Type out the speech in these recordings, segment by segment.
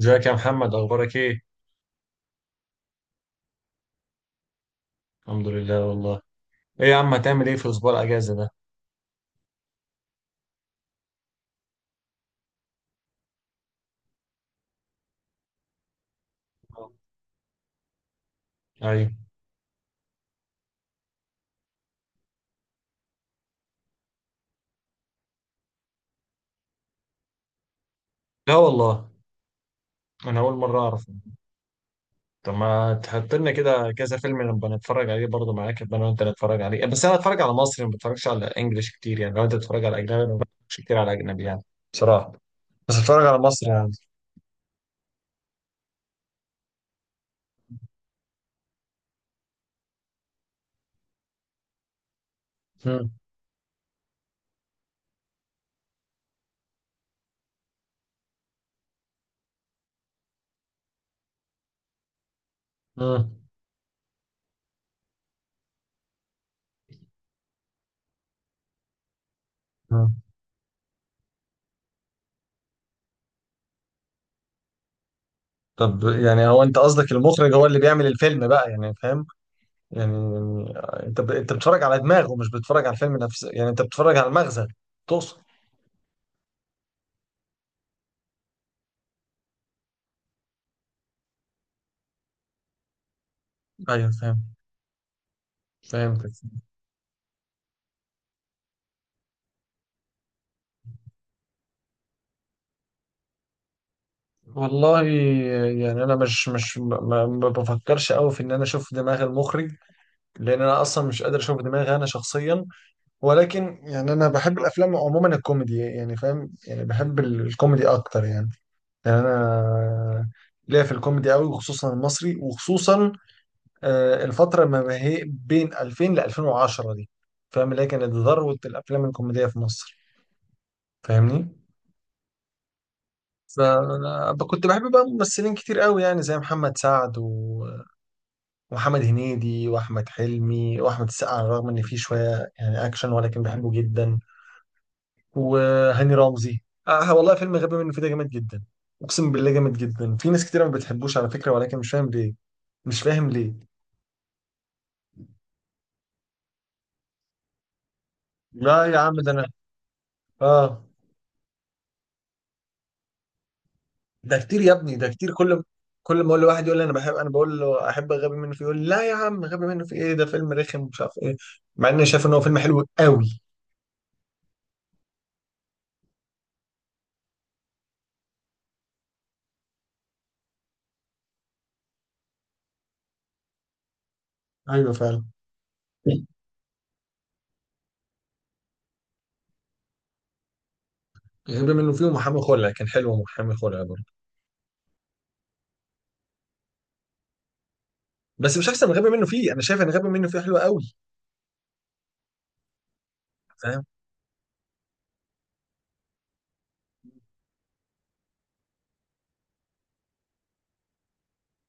ازيك يا محمد؟ اخبارك ايه؟ الحمد لله والله. ايه يا عم، هتعمل ايه في اسبوع الاجازه ده؟ ايوه. لا والله، انا اول مره اعرف. طب ما تحط لنا كده كذا فيلم نبقى نتفرج عليه برضه معاك، يبقى انا وانت نتفرج عليه. بس انا اتفرج على مصري، ما بتفرجش على انجليش كتير، يعني لو انت بتتفرج على اجنبي، انا ما بتفرجش كتير على اجنبي يعني. بصراحه، بس اتفرج على مصري يعني. مم. مم. مم. طب، يعني هو انت قصدك المخرج هو اللي بيعمل الفيلم بقى يعني، فاهم؟ يعني انت انت بتتفرج على دماغه، مش بتتفرج على الفيلم نفسه، يعني انت بتتفرج على المغزى، تقصد. ايوه، فاهم. فهمتك. والله يعني انا مش ما بفكرش قوي في ان انا اشوف دماغ المخرج، لان انا اصلا مش قادر اشوف دماغي انا شخصيا. ولكن يعني انا بحب الافلام عموما، الكوميدي يعني فاهم، يعني بحب الكوميدي اكتر يعني. يعني انا ليا في الكوميدي قوي، وخصوصا المصري، وخصوصا الفترة ما هي بين 2000 ل 2010 دي، فاهم اللي هي كانت ذروة الأفلام الكوميدية في مصر، فاهمني؟ فأنا كنت بحب بقى ممثلين كتير قوي، يعني زي محمد سعد ومحمد هنيدي وأحمد حلمي وأحمد السقا، على الرغم إن فيه شوية يعني أكشن ولكن بحبه جدا. وهاني رمزي، والله فيلم غبي منه فيه ده جامد جدا. أقسم بالله جامد جدا، في ناس كتير ما بتحبوش على فكرة ولكن مش فاهم ليه. مش فاهم ليه. لا يا عم، ده أنا. آه. ده كتير يا ابني، ده كتير. كل كل ما اقول لواحد يقول لي انا بحب، انا بقول له احب غبي منه فيه، يقول لي لا يا عم، غبي منه فيه ايه ده، فيلم رخم مش عارف ايه. مع اني شايف ان هو فيلم حلو قوي. ايوه فعلا. غبي منه فيه ومحامي خلع كان حلو، ومحامي خلع برضه. بس مش احسن من غبي منه فيه، انا شايف ان غبي منه فيه حلو قوي. فاهم.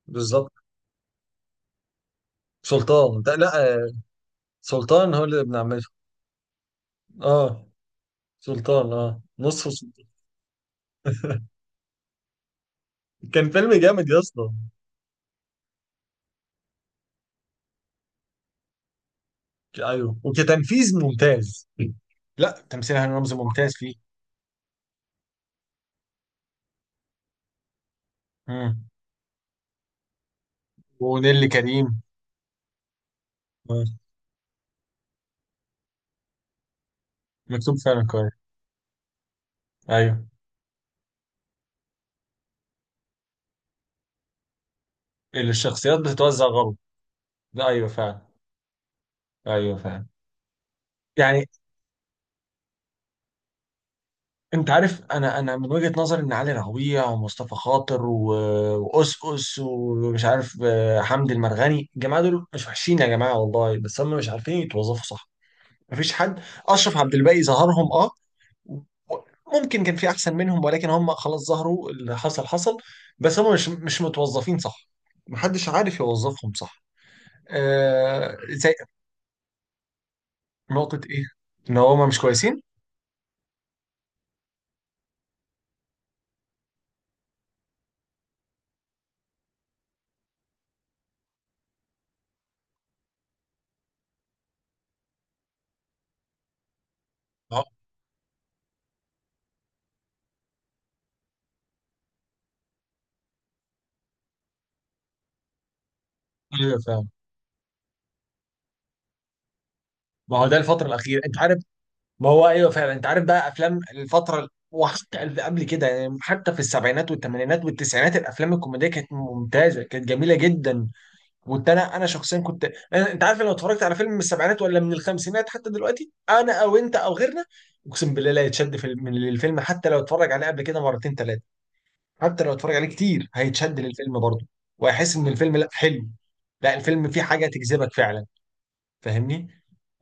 بالظبط. سلطان ده لا. آه، سلطان هو اللي ابن عمته. اه، سلطان اه، نصف سلطان. كان فيلم جامد يا اسطى. ايوه، وكتنفيذ ممتاز. لا، تمثيل هاني رمزي ممتاز فيه. مم. ونيلي كريم. آه. مكتوب فعلا كويس. ايوه. الشخصيات بتتوزع غلط. ده ايوه فعلا. ايوه فعلا يعني. انت عارف، انا من وجهة نظري ان علي ربيع ومصطفى خاطر و... وأس ومش عارف حمدي المرغني، الجماعه دول مش وحشين يا جماعه والله، بس هم مش عارفين يتوظفوا صح. مفيش حد. اشرف عبد الباقي ظهرهم اه، و- ممكن كان في احسن منهم ولكن هم خلاص ظهروا، اللي حصل حصل. بس هم مش متوظفين صح، محدش عارف يوظفهم صح. آه زي نقطة إيه؟ إن هما مش كويسين؟ ما هو ايوه فعلا. ما هو ده الفتره الاخيره، انت عارف. ما هو ايوه فعلا، انت عارف بقى، افلام الفتره وحتى قبل كده، يعني حتى في السبعينات والثمانينات والتسعينات الافلام الكوميديه كانت ممتازه، كانت جميله جدا. كنت انا شخصيا كنت أنا، انت عارف لو اتفرجت على فيلم من السبعينات ولا من الخمسينات حتى دلوقتي، انا او انت او غيرنا، اقسم بالله لا يتشد في من الفيلم، حتى لو اتفرج عليه قبل كده مرتين ثلاثه، حتى لو اتفرج عليه كتير هيتشد للفيلم برضه، وهيحس ان الفيلم لا حلو، لا الفيلم فيه حاجه تجذبك فعلا، فاهمني؟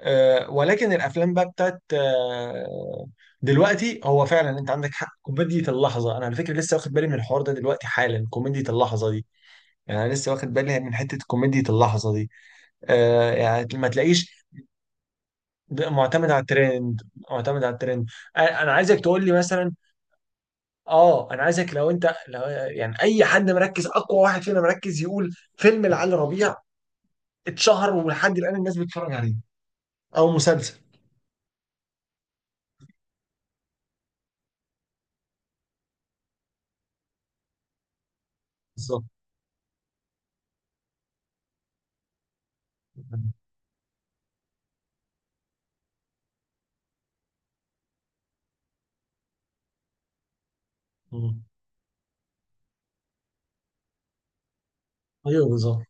ولكن الافلام بقى بتاعت دلوقتي، هو فعلا انت عندك حق، كوميديا اللحظه. انا على فكره لسه واخد بالي من الحوار ده دلوقتي حالا، كوميديا اللحظه دي. يعني انا لسه واخد بالي من حته كوميديا اللحظه دي. يعني ما تلاقيش. معتمد على الترند. معتمد على الترند. أنا عايزك تقول لي مثلا. اه انا عايزك، لو يعني اي حد مركز، اقوى واحد فينا مركز، يقول فيلم لعلي ربيع اتشهر ولحد الان الناس بتتفرج عليه، او مسلسل. بالظبط. مم. ايوه بالظبط.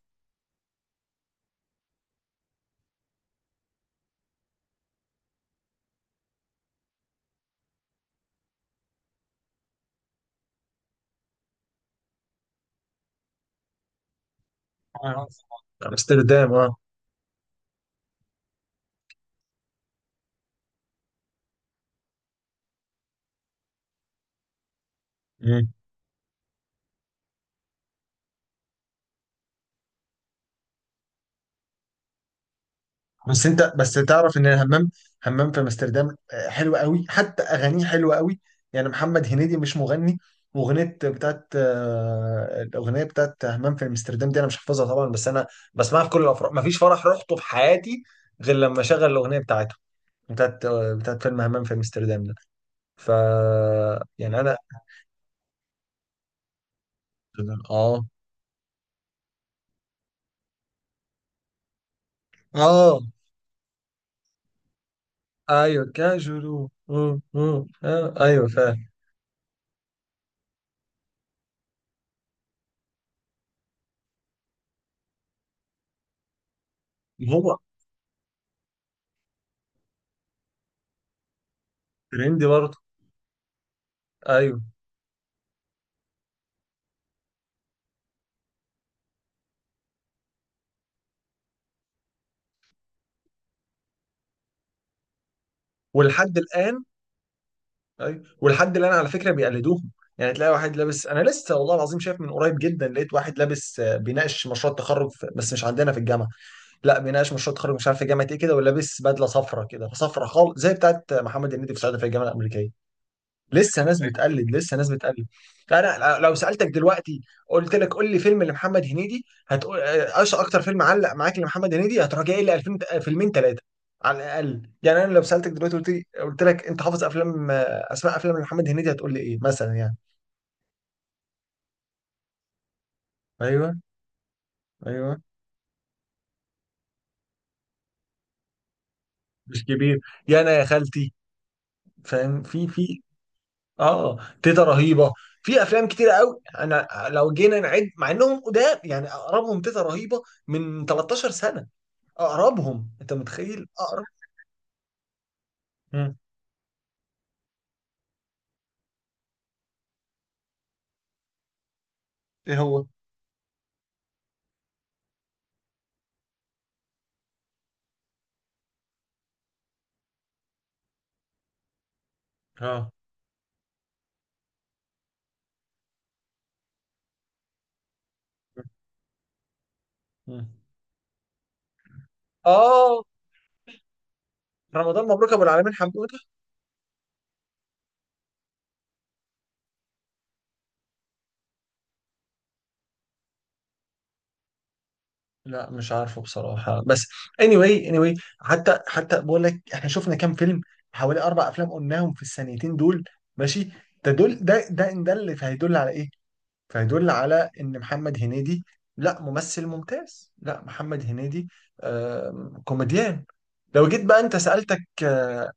آه. امستردام. اه. بس انت بس تعرف ان الهمام، همام في امستردام حلو قوي، حتى اغانيه حلوه قوي. يعني محمد هنيدي مش مغني، واغنيه بتاعت الاغنيه بتاعت همام في امستردام دي، انا مش حافظها طبعا، بس انا بسمعها في كل الافراح. مفيش فرح رحته في حياتي غير لما شغل الاغنيه بتاعته، بتاعت بتاعت فيلم همام في امستردام ده. ف يعني انا، اه. اه ايوه كاجولو، ايوه فاهم. هو ترندي برضه. ايوه. ولحد الان، ايوه، والحد اللي انا على فكره بيقلدوهم، يعني تلاقي واحد لابس، انا لسه والله العظيم شايف من قريب جدا، لقيت واحد لابس بيناقش مشروع التخرج بس مش عندنا في الجامعه، لا بيناقش مشروع التخرج مش عارف في جامعه ايه كده، ولابس بدله صفراء كده، صفراء خالص زي بتاعت محمد هنيدي في سعاده في الجامعه الامريكيه. لسه ناس بتقلد، لسه ناس بتقلد. انا لو سالتك دلوقتي قلت لك قول لي فيلم لمحمد هنيدي، هتقول ايش اكتر فيلم علق معاك لمحمد هنيدي، هتروح جاي لي 2000 فيلمين ثلاثه على الاقل. يعني انا لو سالتك دلوقتي قلت لي، قلت لك انت حافظ افلام اسماء افلام لمحمد هنيدي، هتقول لي ايه مثلا يعني؟ ايوه ايوه. مش كبير. يا انا يا خالتي. فاهم، في اه، تيتا رهيبه. في افلام كتيره قوي انا لو جينا نعد مع انهم قدام يعني، اقربهم تيتا رهيبه من 13 سنه. اقربهم، انت متخيل اقرب؟ مم. ايه هو؟ اه. مم. اه. رمضان مبروك ابو العالمين حمودة. لا مش عارفه بصراحة، بس anyway anyway، حتى بقول لك احنا شفنا كام فيلم، حوالي اربع افلام قلناهم في السنتين دول. ماشي. ده دول ده ده ان ده اللي فهيدل على ايه؟ فهيدل على ان محمد هنيدي لا ممثل ممتاز، لا محمد هنيدي كوميديان. لو جيت بقى انت سألتك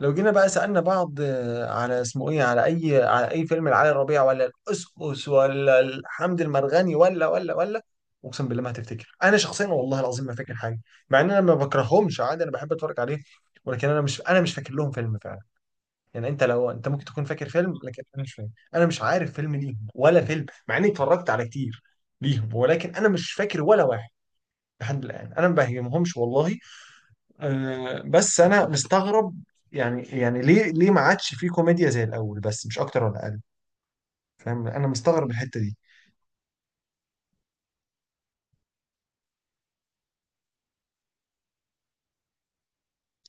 لو جينا بقى سألنا بعض على اسمه ايه، على اي فيلم لعلي ربيع ولا القسقس ولا الحمد المرغني ولا. اقسم بالله ما هتفتكر، انا شخصيا والله العظيم ما فاكر حاجه، مع ان انا ما بكرهمش عادي، انا بحب اتفرج عليه. ولكن انا مش فاكر لهم فيلم فعلا. يعني لو انت ممكن تكون فاكر فيلم، لكن انا مش فاكر، انا مش عارف فيلم ليهم، ولا فيلم مع اني اتفرجت على كتير ليهم، ولكن انا مش فاكر ولا واحد. لحد الان انا ما بهمهمش والله. بس انا مستغرب، يعني ليه ما عادش في كوميديا زي الاول، بس مش اكتر ولا اقل. فاهم، انا مستغرب الحتة دي.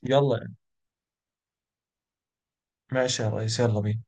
يلا. ماشي يا ريس، يلا بينا.